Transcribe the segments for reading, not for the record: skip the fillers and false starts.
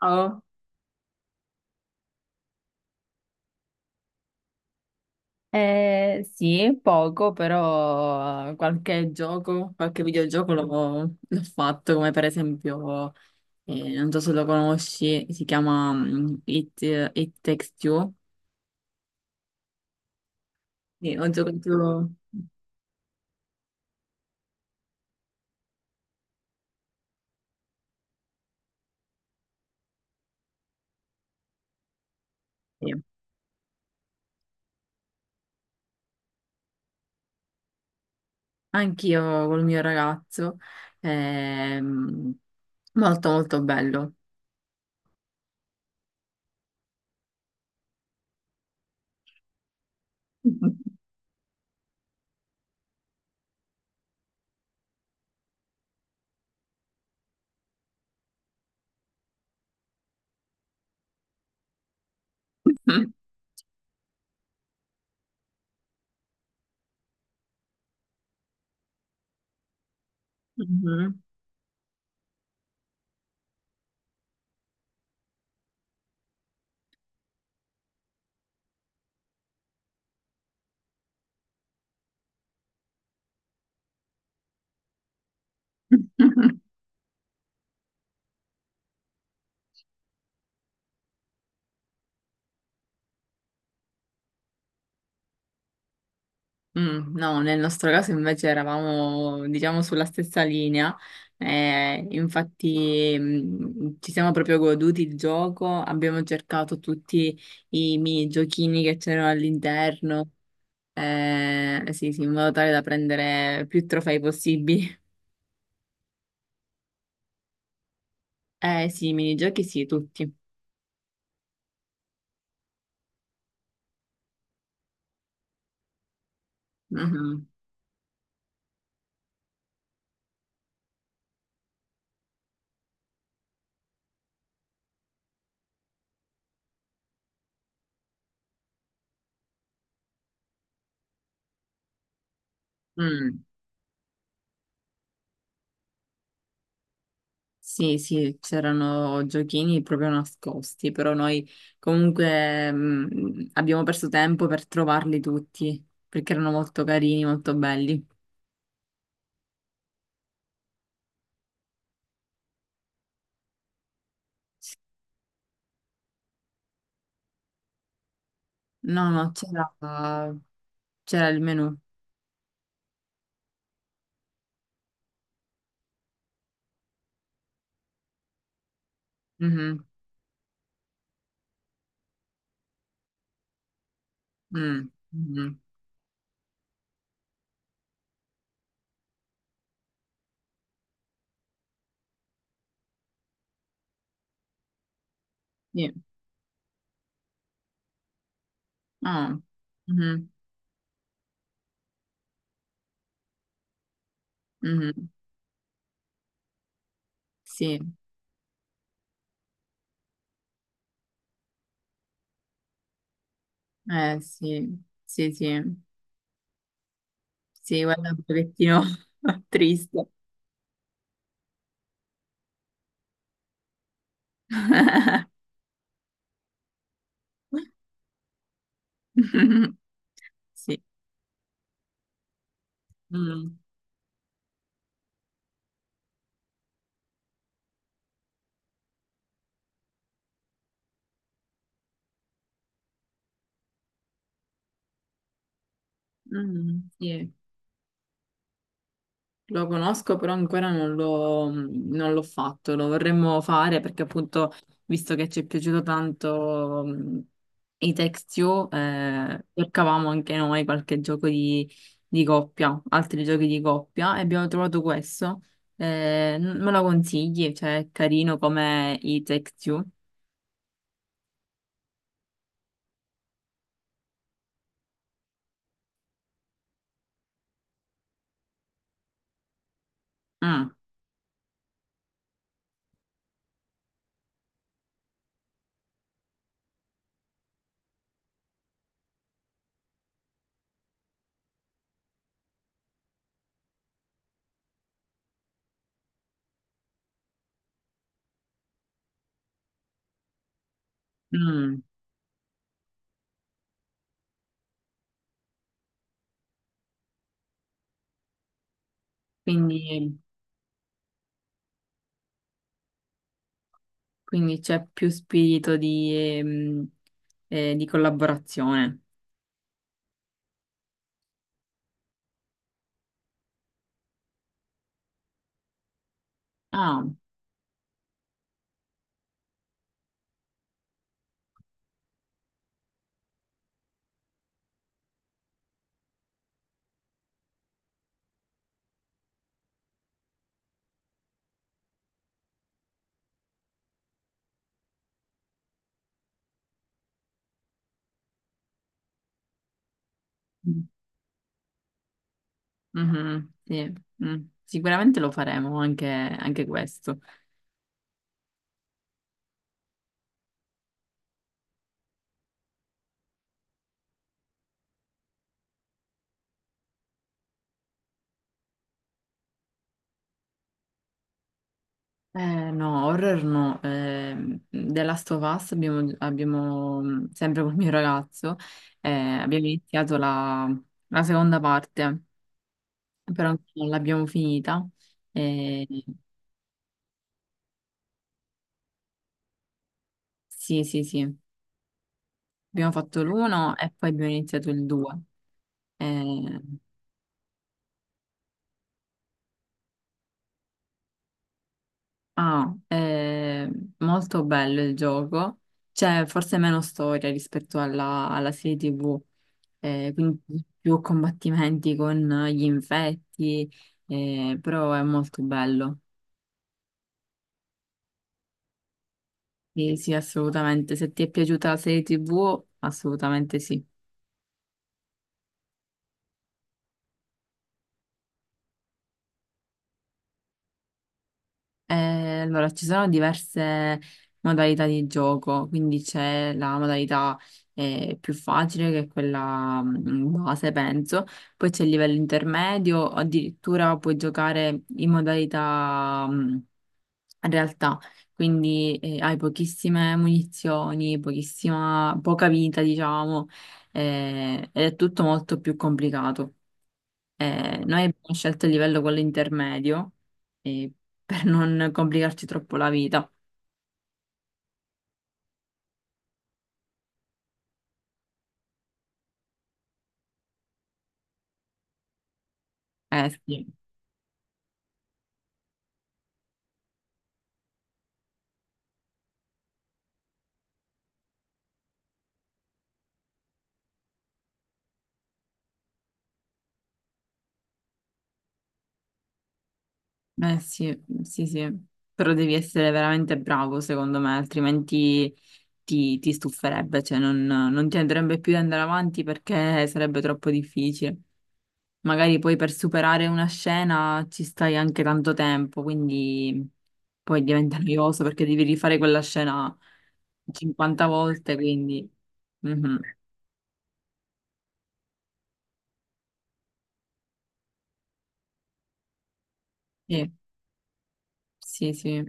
Oh, sì, poco, però qualche gioco, qualche videogioco l'ho fatto, come per esempio, non so se lo conosci, si chiama It Takes Two. Sì, ho giocato sì, anch'io col mio ragazzo, ehm, molto molto bello. Mhm. Mm, no, nel nostro caso invece eravamo, diciamo, sulla stessa linea. Infatti, ci siamo proprio goduti il gioco, abbiamo cercato tutti i mini giochini che c'erano all'interno, sì, sì, in modo tale da prendere più trofei possibili. Eh sì, i minigiochi sì, tutti. Mhm. Mm. Sì, sì, c'erano giochini proprio nascosti, però noi comunque abbiamo perso tempo per trovarli tutti, perché erano molto carini, molto belli. No, no, c'era il menù. Mhm, mm, mhm. Sì. Ah, mhm, mhm. Sì, eh sì, sì, sì, sì, guarda un pochettino triste. Sì. Mm, mm, sì. Lo conosco, però ancora non l'ho fatto, lo vorremmo fare perché appunto, visto che ci è piaciuto tanto i Text You, cercavamo anche noi qualche gioco di coppia, altri giochi di coppia e abbiamo trovato questo. Me lo consigli? Cioè, è carino come i Text You? Mm, mm. Quindi, quindi c'è più spirito ehm, di collaborazione. Ah. Mm. Mhm, sì, mm. Sicuramente lo faremo anche, anche questo. No, horror no. The Last of Us sempre col mio ragazzo, abbiamo iniziato la, la seconda parte, però non l'abbiamo finita. Eh, sì, sì, sì. Abbiamo fatto l'uno e poi abbiamo iniziato il due. Ehm, Ah, è molto bello il gioco. C'è forse meno storia rispetto alla, alla serie TV, quindi più combattimenti con gli infetti, però è molto bello. Sì, sì, assolutamente. Se ti è piaciuta la serie TV, assolutamente sì. Allora, ci sono diverse modalità di gioco, quindi c'è la modalità più facile, che è quella base, penso, poi c'è il livello intermedio, addirittura puoi giocare in modalità realtà, quindi hai pochissime munizioni, pochissima, poca vita, diciamo, ed è tutto molto più complicato. Noi abbiamo scelto il livello quello intermedio eh, per non complicarci troppo la vita. Eh sì, eh sì, sì, sì. Però devi essere veramente bravo, secondo me, altrimenti ti stuferebbe, cioè non, non ti andrebbe più di andare avanti perché sarebbe troppo difficile. Magari poi per superare una scena ci stai anche tanto tempo, quindi poi diventa noioso perché devi rifare quella scena 50 volte, quindi... Mhm. Sì. Sì, sì.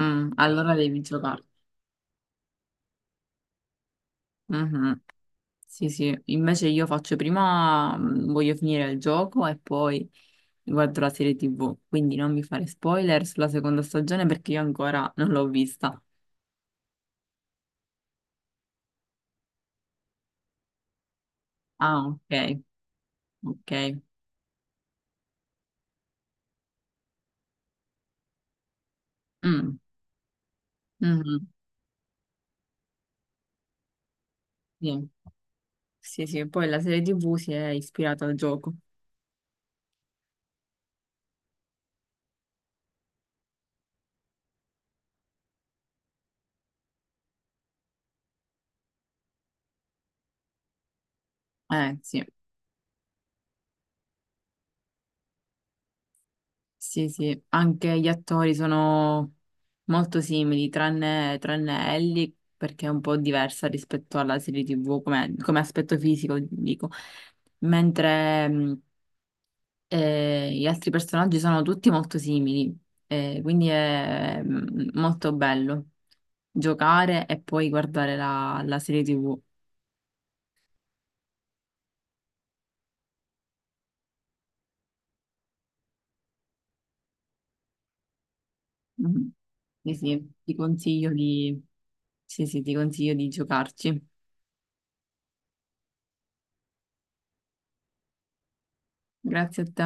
Mm, allora devi giocare. Mhm. Sì, sì. Invece io faccio prima, voglio finire il gioco e poi guardo la serie TV. Quindi non mi fare spoiler sulla seconda stagione perché io ancora non l'ho vista. Ah, ok, ok. Mm, mhm. Sì. Sì, sì. Poi la serie TV si è ispirata al gioco. Sì. Sì, sì, anche gli attori sono molto simili, tranne, tranne Ellie, perché è un po' diversa rispetto alla serie TV come, come aspetto fisico, dico. Mentre gli altri personaggi sono tutti molto simili, quindi è molto bello giocare e poi guardare la, la serie TV. Mm. Sì, sì, ti consiglio di, sì, sì, ti consiglio di giocarci. Grazie a te.